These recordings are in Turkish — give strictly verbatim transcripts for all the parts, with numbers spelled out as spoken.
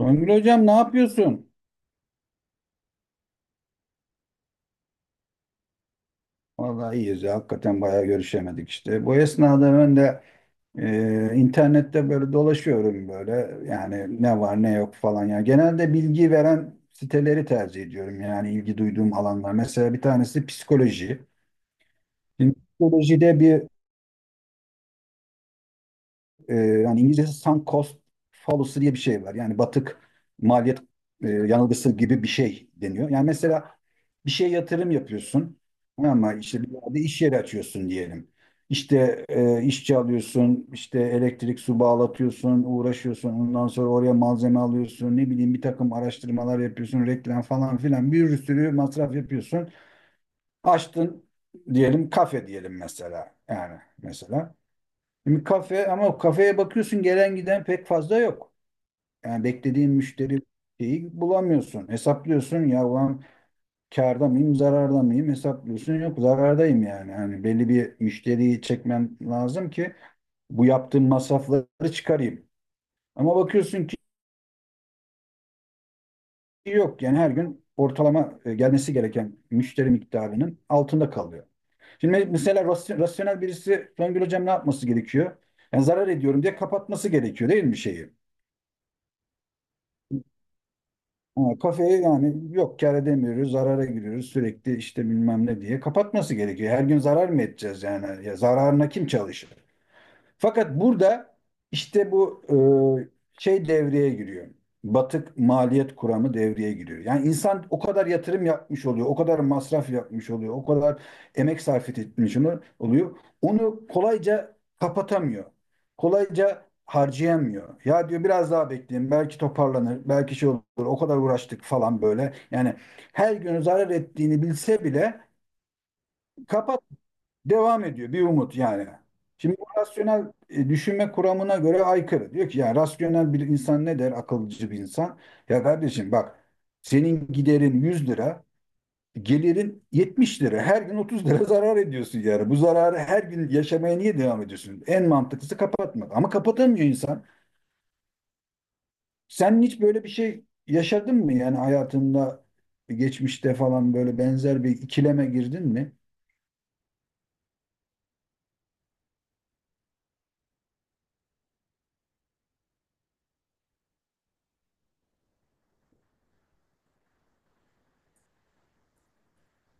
Songül hocam ne yapıyorsun? Vallahi iyiyiz ya. Hakikaten bayağı görüşemedik işte. Bu esnada ben de e, internette böyle dolaşıyorum böyle. Yani ne var ne yok falan ya. Genelde bilgi veren siteleri tercih ediyorum. Yani ilgi duyduğum alanlar. Mesela bir tanesi psikoloji. Şimdi psikolojide bir e, yani İngilizcesi sunk cost fallacy diye bir şey var. Yani batık maliyet e, yanılgısı gibi bir şey deniyor. Yani mesela bir şeye yatırım yapıyorsun ama işte bir yerde iş yeri açıyorsun diyelim. İşte e, işçi alıyorsun, işte elektrik su bağlatıyorsun, uğraşıyorsun. Ondan sonra oraya malzeme alıyorsun. Ne bileyim bir takım araştırmalar yapıyorsun, reklam falan filan bir sürü masraf yapıyorsun. Açtın diyelim kafe diyelim mesela. Yani mesela. Şimdi kafe ama o kafeye bakıyorsun gelen giden pek fazla yok. Yani beklediğin müşteri şeyi bulamıyorsun. Hesaplıyorsun ya ulan kârda mıyım zararda mıyım hesaplıyorsun yok zarardayım yani. Hani belli bir müşteriyi çekmem lazım ki bu yaptığım masrafları çıkarayım. Ama bakıyorsun ki yok yani her gün ortalama e, gelmesi gereken müşteri miktarının altında kalıyor. Şimdi mesela rasy- rasyonel birisi Songül hocam ne yapması gerekiyor? Yani zarar ediyorum diye kapatması gerekiyor değil mi şeyi? Ama kafeye yani yok kâr edemiyoruz, zarara giriyoruz sürekli işte bilmem ne diye kapatması gerekiyor. Her gün zarar mı edeceğiz yani? Ya zararına kim çalışır? Fakat burada işte bu e, şey devreye giriyor. Batık maliyet kuramı devreye giriyor. Yani insan o kadar yatırım yapmış oluyor, o kadar masraf yapmış oluyor, o kadar emek sarf etmiş onu- oluyor. Onu kolayca kapatamıyor. Kolayca harcayamıyor. Ya diyor biraz daha bekleyin, belki toparlanır, belki şey olur. O kadar uğraştık falan böyle. Yani her gün zarar ettiğini bilse bile kapat Devam ediyor bir umut yani. Şimdi bu rasyonel e, düşünme kuramına göre aykırı. Diyor ki ya rasyonel bir insan ne der akılcı bir insan? Ya kardeşim bak senin giderin yüz lira, gelirin yetmiş lira. Her gün otuz lira zarar ediyorsun yani. Bu zararı her gün yaşamaya niye devam ediyorsun? En mantıklısı kapatmak. Ama kapatamıyor insan. Sen hiç böyle bir şey yaşadın mı yani hayatında geçmişte falan böyle benzer bir ikileme girdin mi?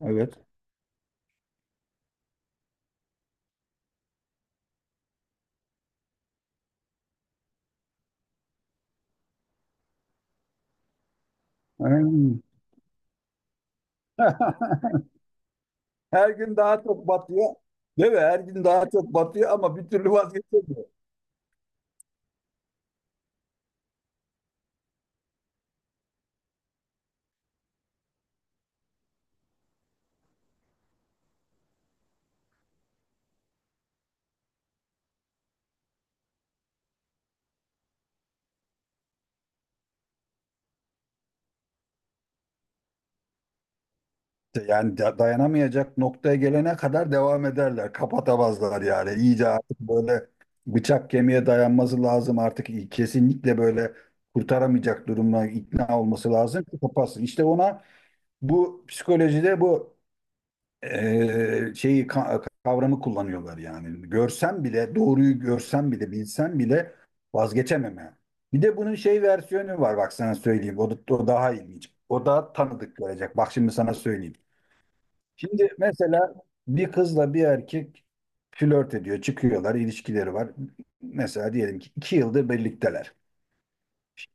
Evet. Aynen. Her gün daha çok batıyor. Değil mi? Her gün daha çok batıyor ama bir türlü vazgeçemiyor. Yani da- dayanamayacak noktaya gelene kadar devam ederler. Kapatamazlar yani. İyice artık böyle bıçak kemiğe dayanması lazım artık. Kesinlikle böyle kurtaramayacak durumuna ikna olması lazım ki kapatsın. İşte ona bu psikolojide bu e, şeyi ka- kavramı kullanıyorlar yani. Görsem bile, doğruyu görsem bile, bilsem bile vazgeçememe. Bir de bunun şey versiyonu var bak sana söyleyeyim. O, da- o daha ilginç. O daha tanıdık gelecek. Bak şimdi sana söyleyeyim. Şimdi mesela bir kızla bir erkek flört ediyor, çıkıyorlar, ilişkileri var. Mesela diyelim ki iki yıldır birlikteler.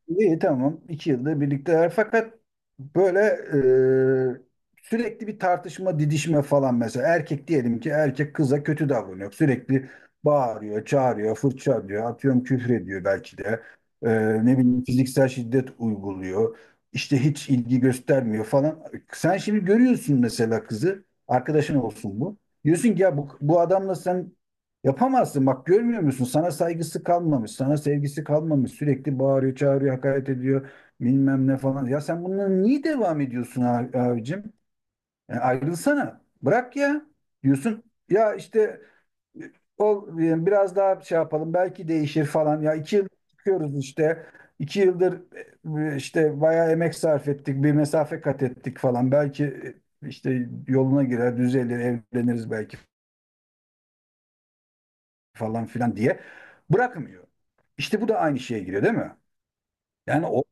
İyi tamam. iki yılda birlikteler. Fakat böyle e, sürekli bir tartışma, didişme falan mesela. Erkek diyelim ki erkek kıza kötü davranıyor. Sürekli bağırıyor, çağırıyor, fırça diyor, atıyorum küfür ediyor belki de. E, ne bileyim fiziksel şiddet uyguluyor. İşte hiç ilgi göstermiyor falan. Sen şimdi görüyorsun mesela kızı, arkadaşın olsun bu. Diyorsun ki ya bu, bu adamla sen yapamazsın, bak görmüyor musun? Sana saygısı kalmamış, sana sevgisi kalmamış. Sürekli bağırıyor, çağırıyor, hakaret ediyor bilmem ne falan. Ya sen bununla niye devam ediyorsun abi- abicim? Yani ayrılsana, bırak ya diyorsun. Ya işte e, ol, e, biraz daha şey yapalım belki değişir falan. Ya iki yıl çıkıyoruz işte. İki yıldır e, e, işte bayağı emek sarf ettik, bir mesafe kat ettik falan. Belki e, işte yoluna girer, düzelir, evleniriz belki falan filan diye bırakmıyor. İşte bu da aynı şeye giriyor değil mi? Yani o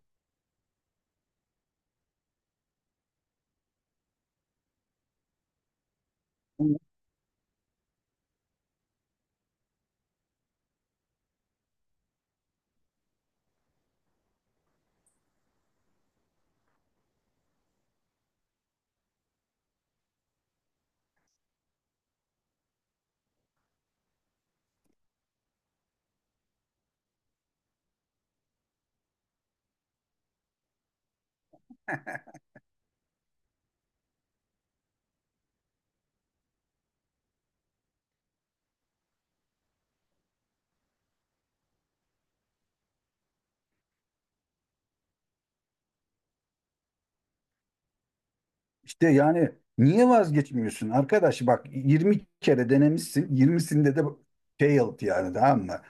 işte yani niye vazgeçmiyorsun arkadaş, bak yirmi kere denemişsin, yirmisinde de failed, yani tamam mı?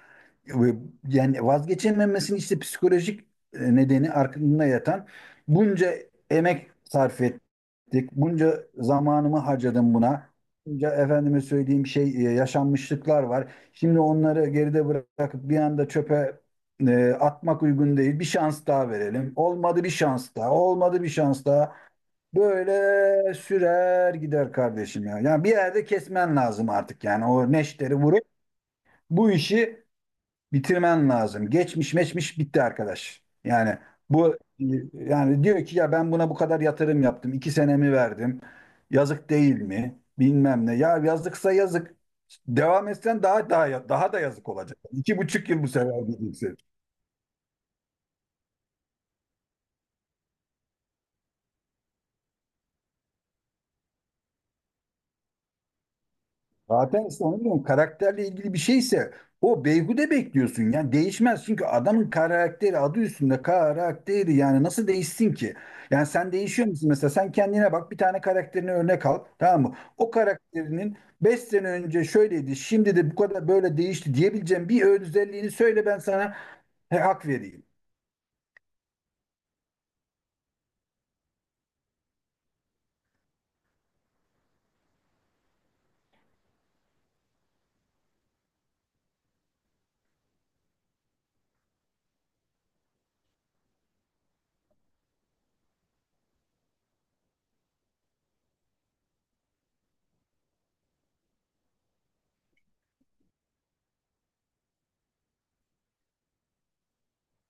Ve yani vazgeçememesinin işte psikolojik e, nedeni arkasında yatan bunca emek sarf ettik, bunca zamanımı harcadım buna. Bunca efendime söyleyeyim şey e, yaşanmışlıklar var. Şimdi onları geride bırakıp bir anda çöpe e, atmak uygun değil. Bir şans daha verelim. Olmadı bir şans daha, olmadı bir şans daha. Böyle sürer gider kardeşim ya. Yani bir yerde kesmen lazım artık, yani o neşteri vurup bu işi bitirmen lazım. Geçmiş meçmiş bitti arkadaş. Yani bu yani diyor ki ya ben buna bu kadar yatırım yaptım. iki senemi verdim. Yazık değil mi? Bilmem ne. Ya yazıksa yazık. Devam etsen daha daha daha da yazık olacak. İki buçuk yıl bu sefer gideceksin. Zaten işte onu diyorum, karakterle ilgili bir şeyse o beyhude bekliyorsun. Yani değişmez çünkü adamın karakteri, adı üstünde karakteri, yani nasıl değişsin ki? Yani sen değişiyor musun mesela, sen kendine bak, bir tane karakterini örnek al tamam mı? O karakterinin beş sene önce şöyleydi şimdi de bu kadar böyle değişti diyebileceğim bir özelliğini söyle, ben sana he, hak vereyim.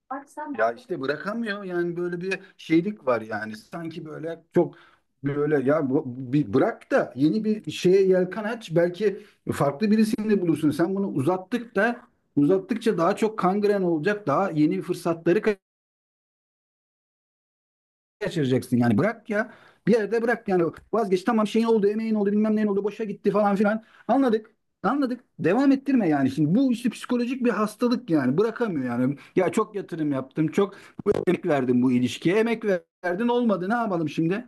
Açsam Ya işte bırakamıyor yani, böyle bir şeylik var yani, sanki böyle çok böyle ya bu- bir bırak da yeni bir şeye yelken aç, belki farklı birisini bulursun. Sen bunu uzattık da uzattıkça daha çok kangren olacak, daha yeni fırsatları kaçıracaksın, yani bırak ya. Bir yerde bırak yani, vazgeç, tamam, şeyin oldu, emeğin oldu, bilmem neyin oldu, boşa gitti falan filan. Anladık. Anladık. Devam ettirme yani. Şimdi bu işte psikolojik bir hastalık yani. Bırakamıyor yani. Ya çok yatırım yaptım. Çok emek verdim bu ilişkiye. Emek verdin, olmadı. Ne yapalım şimdi?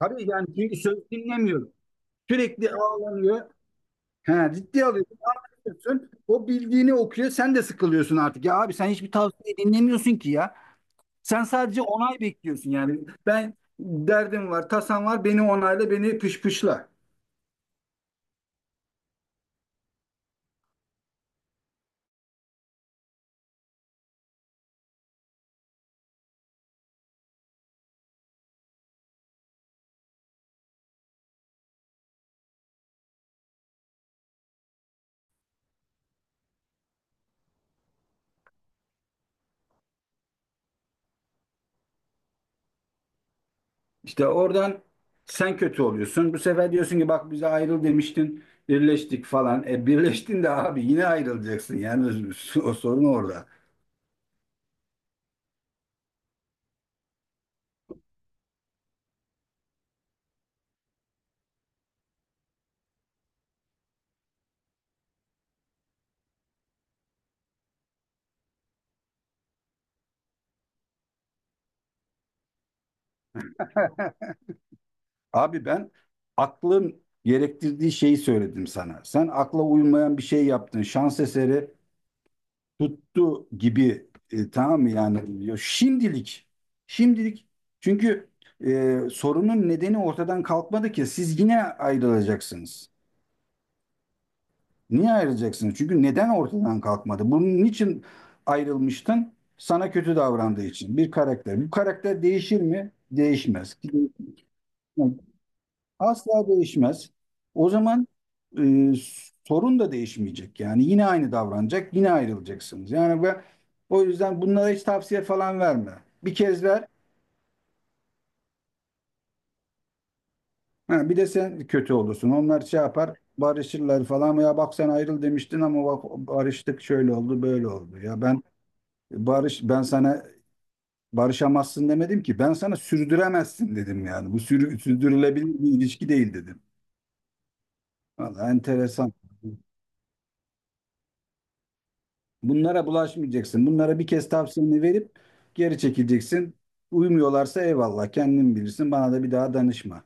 Tabii yani çünkü söz dinlemiyor. Sürekli ağlanıyor. Ha, ciddi alıyorsun. Anlatıyorsun. O bildiğini okuyor. Sen de sıkılıyorsun artık. Ya abi sen hiçbir tavsiye dinlemiyorsun ki ya. Sen sadece onay bekliyorsun yani. Ben derdim var, tasam var, beni onayla, beni pışpışla. İşte oradan sen kötü oluyorsun. Bu sefer diyorsun ki bak bize ayrıl demiştin, birleştik falan. E birleştin de abi yine ayrılacaksın. Yani o sorun orada. Abi ben aklın gerektirdiği şeyi söyledim sana. Sen akla uymayan bir şey yaptın. Şans eseri tuttu gibi, e, tamam mı yani diyor. Şimdilik, şimdilik, çünkü e, sorunun nedeni ortadan kalkmadı ki siz yine ayrılacaksınız. Niye ayrılacaksınız? Çünkü neden ortadan kalkmadı? Bunun için ayrılmıştın? Sana kötü davrandığı için, bir karakter. Bu karakter değişir mi? Değişmez. Asla değişmez. O zaman e, sorun da değişmeyecek. Yani yine aynı davranacak, yine ayrılacaksınız. Yani ve o yüzden bunlara hiç tavsiye falan verme. Bir kez ver, ha, bir de sen kötü olursun. Onlar şey yapar, barışırlar falan. Ya bak sen ayrıl demiştin ama bak barıştık, şöyle oldu, böyle oldu. Ya ben barış ben sana barışamazsın demedim ki. Ben sana sürdüremezsin dedim yani. Bu sürü, sürdürülebilir bir ilişki değil dedim. Vallahi enteresan. Bunlara bulaşmayacaksın. Bunlara bir kez tavsiyeni verip geri çekileceksin. Uymuyorlarsa eyvallah, kendin bilirsin. Bana da bir daha danışma.